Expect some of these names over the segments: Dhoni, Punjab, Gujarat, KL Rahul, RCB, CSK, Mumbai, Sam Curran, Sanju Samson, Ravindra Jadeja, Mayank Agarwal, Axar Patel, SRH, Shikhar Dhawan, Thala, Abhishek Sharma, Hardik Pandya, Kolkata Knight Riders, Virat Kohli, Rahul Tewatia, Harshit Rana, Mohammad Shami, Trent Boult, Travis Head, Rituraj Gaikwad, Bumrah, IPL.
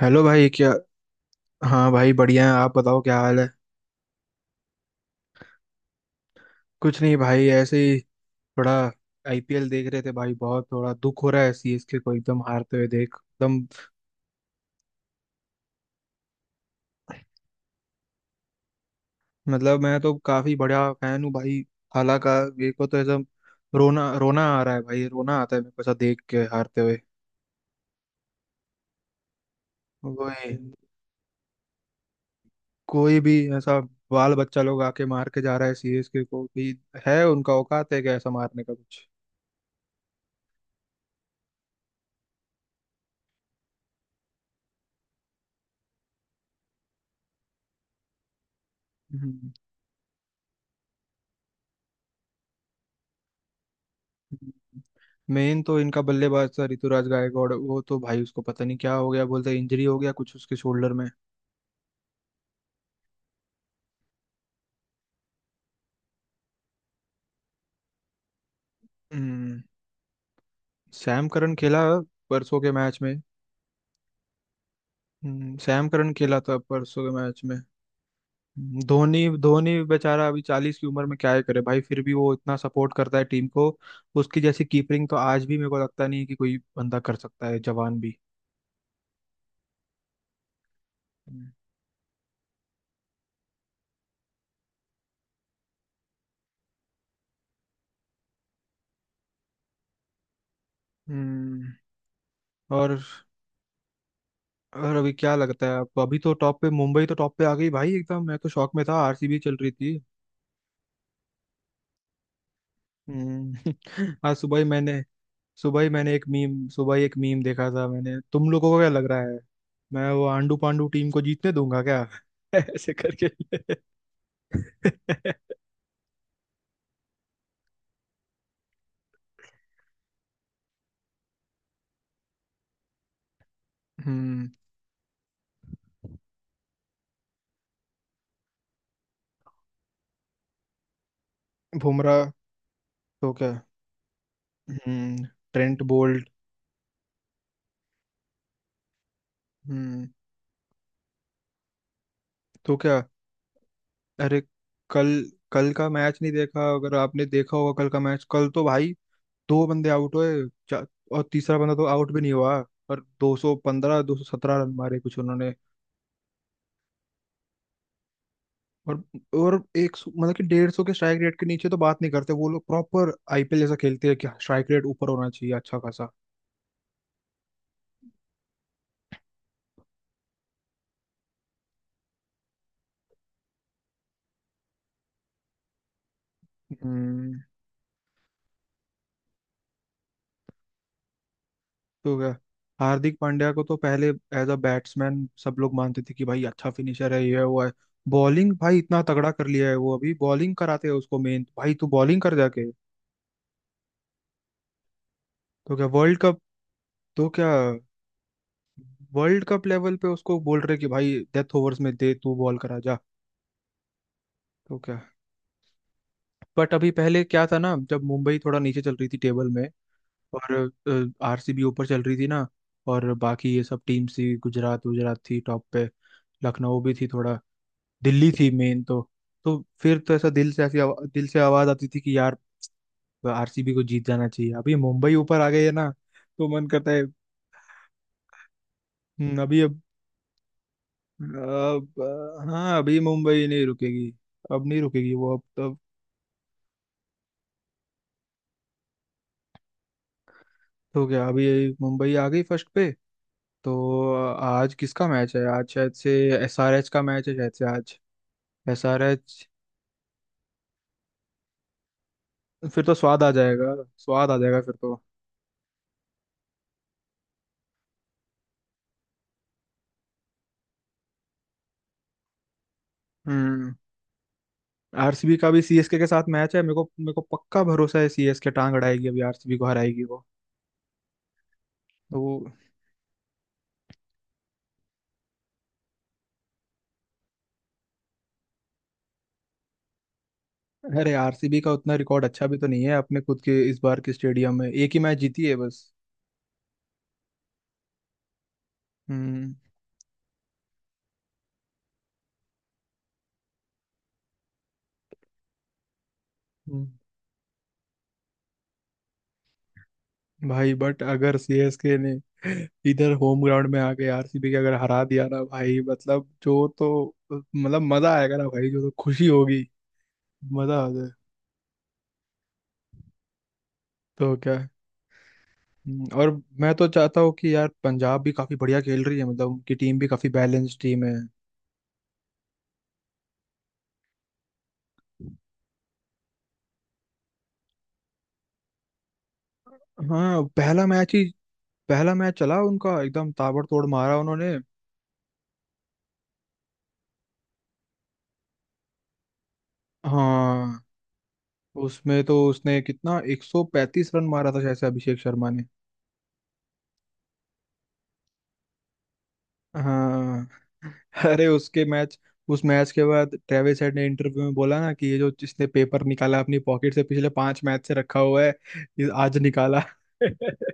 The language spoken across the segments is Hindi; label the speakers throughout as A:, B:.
A: हेलो भाई। क्या? हाँ भाई, बढ़िया है। आप बताओ, क्या हाल है? कुछ नहीं भाई, ऐसे ही। थोड़ा आईपीएल देख रहे थे भाई, बहुत थोड़ा दुख हो रहा है सीएसके को एकदम हारते हुए देख, एकदम। मतलब मैं तो काफी बड़ा फैन हूँ भाई, हालांकि। मेरे को तो एकदम रोना रोना आ रहा है भाई, रोना आता है मेरे को ऐसा देख के हारते हुए। वही, कोई भी ऐसा बाल बच्चा लोग आके मार के जा रहा है सीएसके को भी। है उनका औकात है क्या ऐसा मारने का कुछ? हम्म। मेन तो इनका बल्लेबाज था ऋतुराज गायकवाड़। वो तो भाई, उसको पता नहीं क्या हो गया, बोलते इंजरी हो गया कुछ उसके शोल्डर में। हम्म, सैम करन खेला परसों के मैच में। सैम करन खेला था परसों के मैच में। धोनी धोनी बेचारा अभी 40 की उम्र में क्या ही करे भाई, फिर भी वो इतना सपोर्ट करता है टीम को। उसकी जैसी कीपिंग तो आज भी मेरे को लगता नहीं है कि कोई बंदा कर सकता है, जवान भी। हम्म। और और अभी क्या लगता है आपको? अभी तो टॉप पे, मुंबई तो टॉप पे आ गई भाई एकदम, मैं तो शॉक में था, आरसीबी चल रही थी। हम्म। आज सुबह ही मैंने, एक मीम देखा था। मैंने तुम लोगों को क्या लग रहा है, मैं वो आंडू पांडू टीम को जीतने दूंगा क्या? ऐसे करके। हम्म। बुमराह। तो क्या। हम्म। Trent Boult. हम्म। तो क्या। अरे, कल कल का मैच नहीं देखा? अगर आपने देखा होगा कल का मैच, कल तो भाई दो बंदे आउट हुए और तीसरा बंदा तो आउट भी नहीं हुआ, और 215 217 रन मारे कुछ उन्होंने। और मतलब कि 150 के स्ट्राइक रेट के नीचे तो बात नहीं करते वो लोग, प्रॉपर आईपीएल जैसा खेलते हैं कि स्ट्राइक रेट ऊपर होना चाहिए अच्छा खासा। हम्म। तो क्या, हार्दिक पांड्या को तो पहले एज अ बैट्समैन सब लोग मानते थे कि भाई अच्छा फिनिशर है, ये है वो है। बॉलिंग भाई इतना तगड़ा कर लिया है वो, अभी बॉलिंग कराते हैं उसको मेन भाई, तू बॉलिंग कर जाके। तो क्या, तो क्या वर्ल्ड कप लेवल पे उसको बोल रहे कि भाई डेथ ओवर्स में दे तू बॉल करा जा। तो क्या, बट अभी पहले क्या था ना, जब मुंबई थोड़ा नीचे चल रही थी टेबल में, और आरसीबी ऊपर चल रही थी ना, और बाकी ये सब टीम्स थी, गुजरात गुजरात थी टॉप पे, लखनऊ भी थी थोड़ा, दिल्ली थी मेन तो। तो फिर तो ऐसा दिल से, ऐसी दिल से आवाज आती थी कि यार आरसीबी को जीत जाना चाहिए, अभी मुंबई ऊपर आ गई है ना। तो मन करता है। अभी अब हाँ, अभी मुंबई नहीं रुकेगी। अब नहीं रुकेगी वो, अब तब। तो क्या, अभी मुंबई आ गई फर्स्ट पे, तो आज किसका मैच है? आज शायद से एसआरएच का मैच है, शायद से आज। एसआरएच, फिर तो स्वाद आ जाएगा। स्वाद आ जाएगा फिर तो। हम्म। आरसीबी का भी सीएसके के साथ मैच है, मेरे को पक्का भरोसा है सीएसके टांग अड़ाएगी, अभी आरसीबी को हराएगी वो। तो वो- अरे, आरसीबी का उतना रिकॉर्ड अच्छा भी तो नहीं है अपने खुद के इस बार के स्टेडियम में, एक ही मैच जीती है बस। हम्म। हम्म। भाई बट अगर सीएसके ने इधर होम ग्राउंड में आके आरसीबी के अगर हरा दिया ना भाई, मतलब जो तो मतलब मजा आएगा ना भाई, जो तो खुशी होगी। मजा आ जाए। तो क्या। और मैं तो चाहता हूँ कि यार पंजाब भी काफी बढ़िया खेल रही है, मतलब उनकी टीम भी काफी बैलेंस टीम है। हाँ, पहला मैच चला उनका, एकदम ताबड़तोड़ मारा उन्होंने। हाँ, उसमें तो उसने कितना 135 रन मारा था शायद से, अभिषेक शर्मा ने। हाँ। अरे उसके मैच उस मैच के बाद ट्रेविस हेड ने इंटरव्यू में बोला ना कि ये जो जिसने पेपर निकाला अपनी पॉकेट से पिछले 5 मैच से रखा हुआ है, ये आज निकाला।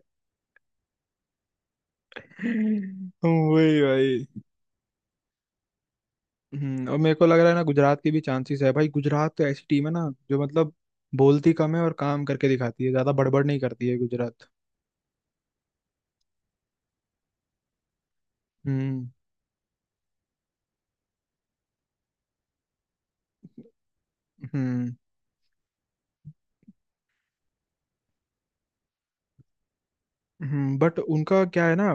A: वही भाई। हम्म, और मेरे को लग रहा है ना, गुजरात की भी चांसेस है भाई। गुजरात तो ऐसी टीम है ना जो मतलब बोलती कम है और काम करके दिखाती है ज्यादा, बड़बड़ नहीं करती है गुजरात। हम्म। हम्म। हम्म, बट उनका क्या है ना,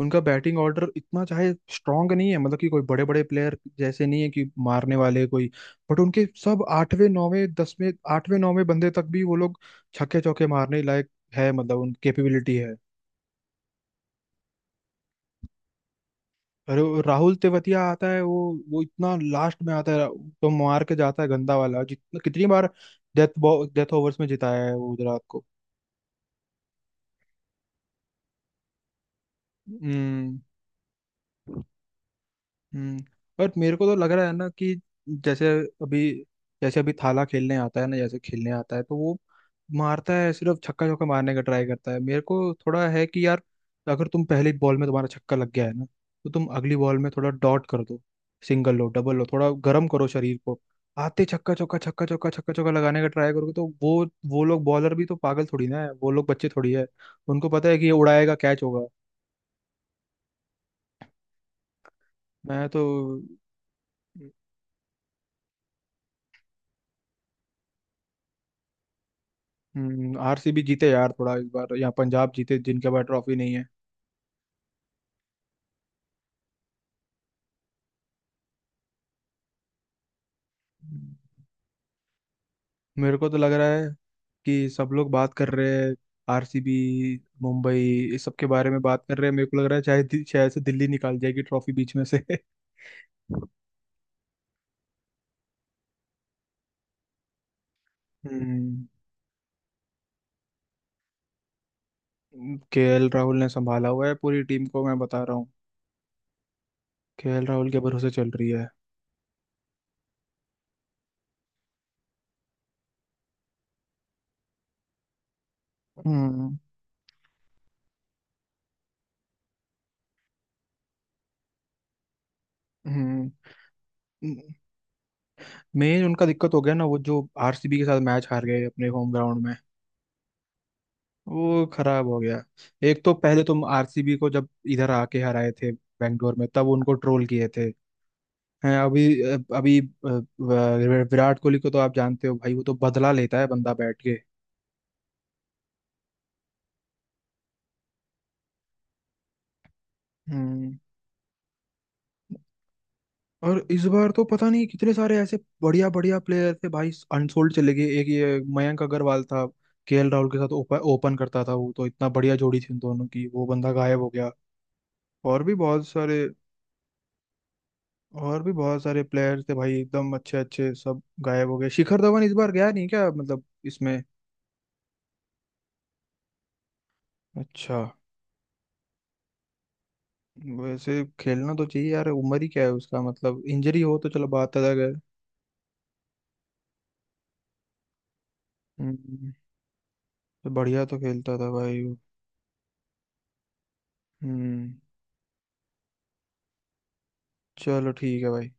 A: उनका बैटिंग ऑर्डर इतना चाहे स्ट्रांग नहीं है, मतलब कि कोई बड़े बड़े प्लेयर जैसे नहीं है कि मारने वाले कोई। बट उनके सब आठवें नौवें दसवें, आठवें नौवें बंदे तक भी वो लोग छक्के चौके मारने लायक है, मतलब उन कैपेबिलिटी है। अरे वो राहुल तेवतिया आता है वो इतना लास्ट में आता है तो मार के जाता है गंदा वाला, जितना कितनी बार डेथ डेथ ओवर्स में जिताया है वो गुजरात को। हम्म। हम्म। बट मेरे को तो लग रहा है ना कि जैसे अभी जैसे अभी थाला खेलने आता है ना, जैसे खेलने आता है तो वो मारता है, सिर्फ छक्का चौका मारने का ट्राई करता है। मेरे को थोड़ा है कि यार, अगर तुम पहली बॉल में तुम्हारा छक्का लग गया है ना, तो तुम अगली बॉल में थोड़ा डॉट कर दो, सिंगल लो डबल लो, थोड़ा गर्म करो शरीर को। आते छक्का चौका, छक्का चौका, छक्का चौका लगाने का ट्राई करोगे तो वो लोग बॉलर भी तो पागल थोड़ी ना है, वो लोग बच्चे थोड़ी है। उनको पता है कि ये उड़ाएगा, कैच होगा। मैं तो आरसीबी जीते यार थोड़ा इस बार, यहाँ पंजाब जीते जिनके पास ट्रॉफी नहीं है। हम्म, मेरे को तो लग रहा है कि सब लोग बात कर रहे हैं आरसीबी, मुंबई, इस सब के बारे में बात कर रहे हैं। मेरे को लग रहा है शायद शायद से दिल्ली निकाल जाएगी ट्रॉफी बीच में से। हम्म। केएल राहुल ने संभाला हुआ है पूरी टीम को, मैं बता रहा हूँ। केएल राहुल के भरोसे चल रही है। हम्म। हम्म। मेन उनका दिक्कत हो गया ना, वो जो आरसीबी के साथ मैच हार गए अपने होम ग्राउंड में, वो खराब हो गया। एक तो पहले तुम आरसीबी को जब इधर आके हराए थे बेंगलोर में, तब उनको ट्रोल किए थे। हैं अभी, अभी विराट कोहली को तो आप जानते हो भाई, वो तो बदला लेता है बंदा बैठ के। हम्म। और इस बार तो पता नहीं कितने सारे ऐसे बढ़िया बढ़िया प्लेयर थे भाई अनसोल्ड चले गए, एक ये मयंक अग्रवाल था, केएल राहुल के साथ ओपन ओपन करता था वो, तो इतना बढ़िया जोड़ी थी उन दोनों की, वो बंदा गायब हो गया। और भी बहुत सारे और भी बहुत सारे प्लेयर्स थे भाई एकदम अच्छे अच्छे, सब गायब हो गए। शिखर धवन इस बार गया नहीं क्या, मतलब इसमें? अच्छा। वैसे खेलना तो चाहिए यार, उम्र ही क्या है उसका, मतलब इंजरी हो तो चलो बात अलग है। हम्म, तो बढ़िया तो खेलता था भाई वो। हम्म। चलो ठीक है भाई।